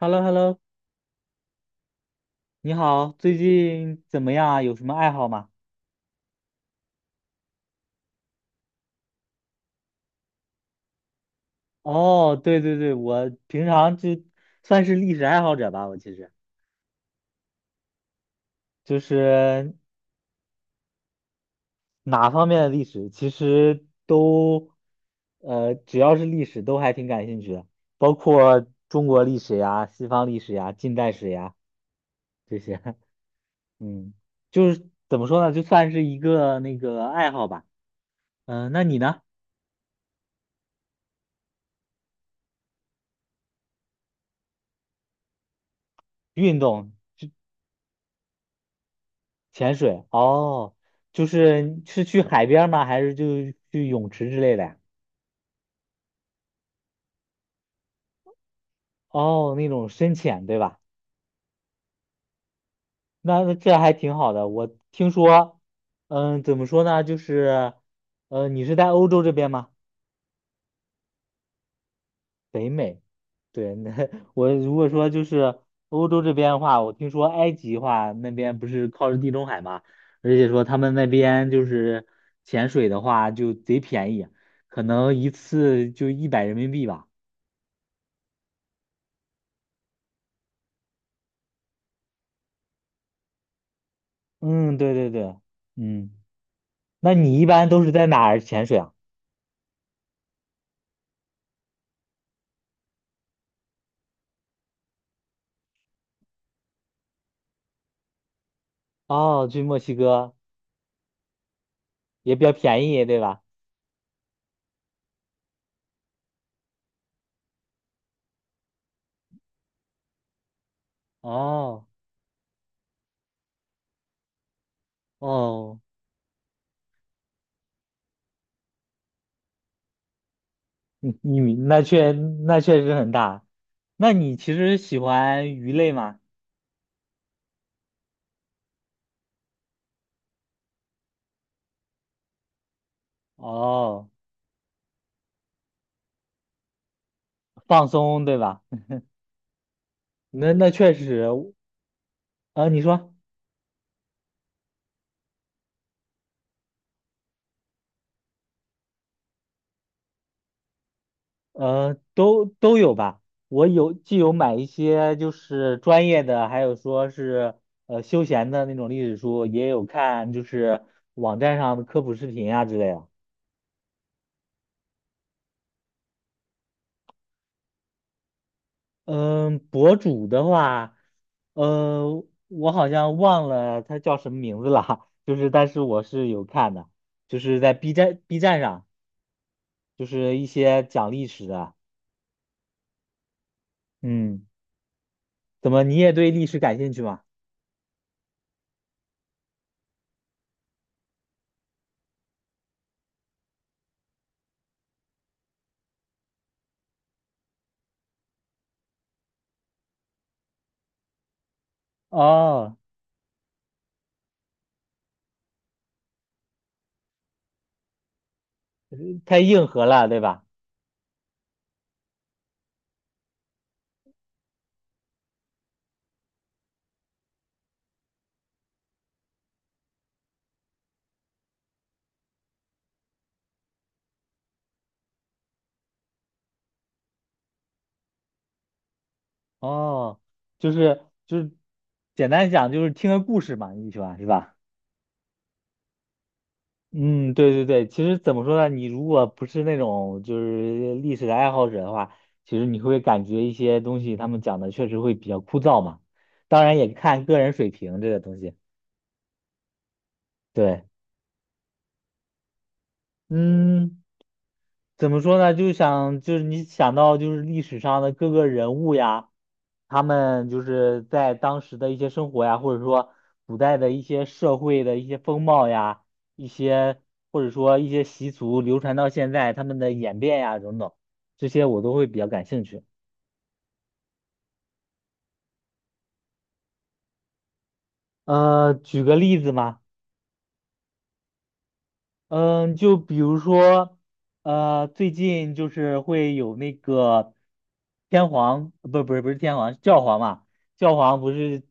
h e l l o h e l l o 你好，最近怎么样啊？有什么爱好吗？哦，对对对，我平常就算是历史爱好者吧，我其实就是哪方面的历史，其实都，只要是历史都还挺感兴趣的，包括中国历史呀、西方历史呀、近代史呀这些，嗯，就是怎么说呢，就算是一个那个爱好吧。嗯、那你呢？运动？潜水哦，就是是去海边儿吗？还是就去泳池之类的呀？哦，那种深潜对吧？那这还挺好的。我听说，嗯，怎么说呢？就是，嗯，你是在欧洲这边吗？北美，对，那 我如果说就是欧洲这边的话，我听说埃及的话，那边不是靠着地中海嘛，而且说他们那边就是潜水的话就贼便宜，可能一次就100人民币吧。嗯，对对对，嗯，那你一般都是在哪儿潜水啊？哦，去墨西哥也比较便宜，对吧？哦哦，你那确实很大。那你其实喜欢鱼类吗？哦，放松，对吧？那确实，啊，你说。都有吧。我既有买一些就是专业的，还有说是休闲的那种历史书，也有看就是网站上的科普视频啊之类的。嗯，博主的话，呃，我好像忘了他叫什么名字了，就是但是我是有看的，就是在 B 站上，就是一些讲历史的。嗯，怎么你也对历史感兴趣吗？哦，太硬核了，对吧？哦，就是简单讲就是听个故事嘛，你喜欢是吧？嗯，对对对，其实怎么说呢？你如果不是那种就是历史的爱好者的话，其实你会感觉一些东西他们讲的确实会比较枯燥嘛。当然也看个人水平这个东西。对，嗯，怎么说呢？就想就是你想到就是历史上的各个人物呀，他们就是在当时的一些生活呀，或者说古代的一些社会的一些风貌呀，一些或者说一些习俗流传到现在，他们的演变呀等等，这些我都会比较感兴趣。举个例子嘛。嗯，就比如说，最近就是会有那个天皇，不，不是天皇，教皇嘛，教皇不是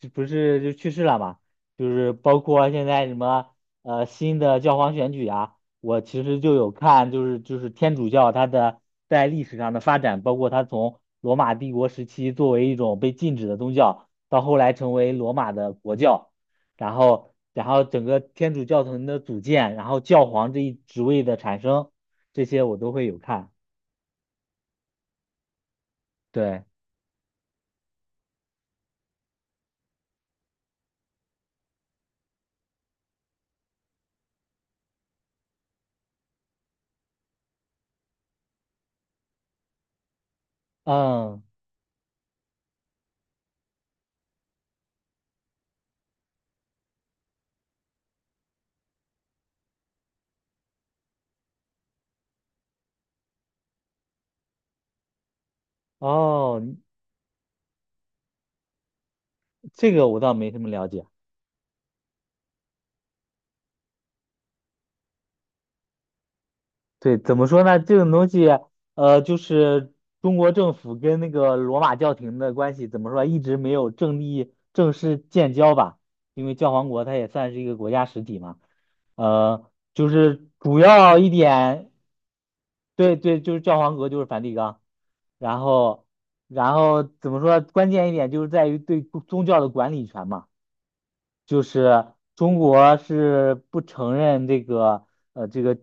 就不是就去世了嘛，就是包括现在什么新的教皇选举啊，我其实就有看，就是天主教它的在历史上的发展，包括它从罗马帝国时期作为一种被禁止的宗教，到后来成为罗马的国教。然后整个天主教廷的组建，然后教皇这一职位的产生，这些我都会有看。对，嗯，哦，这个我倒没什么了解。对，怎么说呢？这种东西，就是中国政府跟那个罗马教廷的关系，怎么说，一直没有正式建交吧？因为教皇国它也算是一个国家实体嘛。就是主要一点对对，就是教皇格，就是梵蒂冈。然后，然后怎么说？关键一点就是在于对宗教的管理权嘛，就是中国是不承认呃这个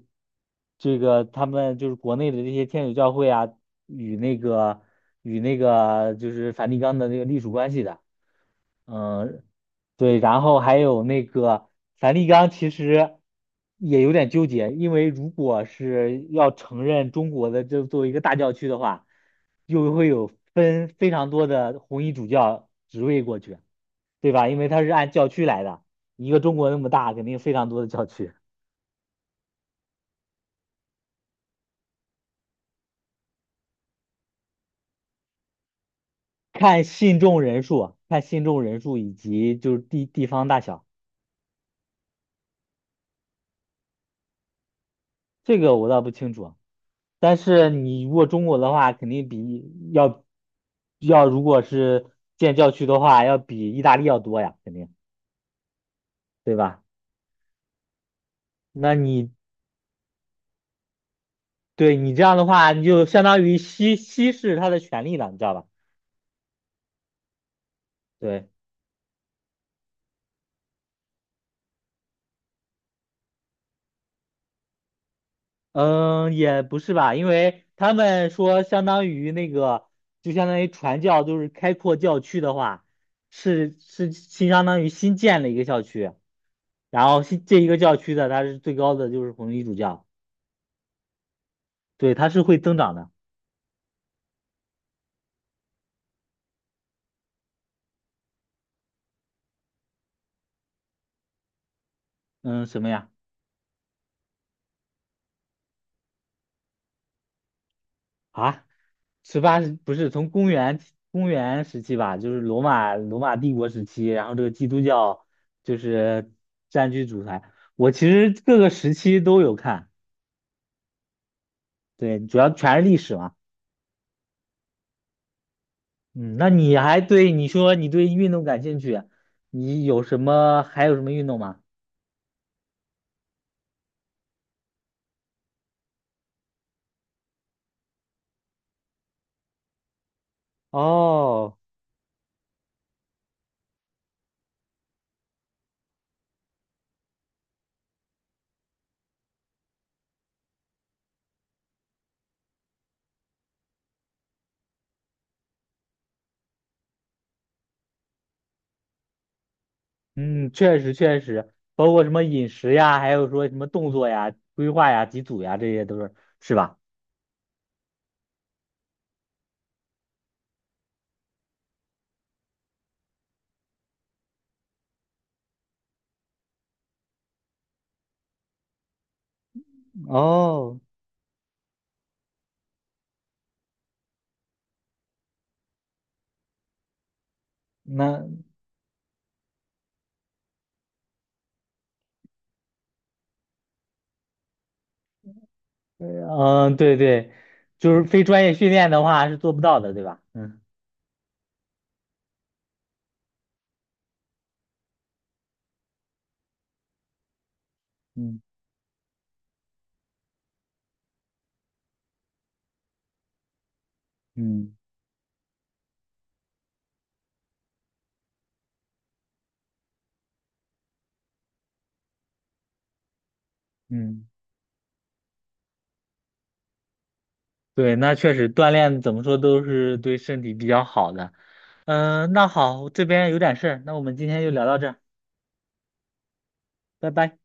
这个他们就是国内的这些天主教会啊与那个与那个就是梵蒂冈的那个隶属关系的。嗯，对，然后还有那个梵蒂冈，其实也有点纠结，因为如果是要承认中国的这作为一个大教区的话，又会有分非常多的红衣主教职位过去，对吧？因为它是按教区来的，一个中国那么大，肯定非常多的教区，看信众人数，看信众人数以及就是地方大小，这个我倒不清楚。但是你如果中国的话，肯定比要要如果是建教区的话，要比意大利要多呀，肯定，对吧？那你对你这样的话，你就相当于稀释他的权利了，你知道吧？对，嗯，也不是吧，因为他们说相当于那个，就相当于传教，就是开阔教区的话，是是新相当于新建了一个校区，然后新这一个教区的它是最高的就是红衣主教，对，它是会增长的。嗯，什么呀？啊，十八世不是从公元时期吧，就是罗马帝国时期，然后这个基督教就是占据主台。我其实各个时期都有看，对，主要全是历史嘛。嗯，那你还对你说你对运动感兴趣，你有什么还有什么运动吗？哦，嗯，确实确实，包括什么饮食呀，还有说什么动作呀、规划呀、几组呀，这些都是是吧？哦，那嗯，对对，就是非专业训练的话是做不到的，对吧？嗯嗯嗯嗯，对，那确实锻炼怎么说都是对身体比较好的。嗯，那好，这边有点事儿，那我们今天就聊到这儿，拜拜。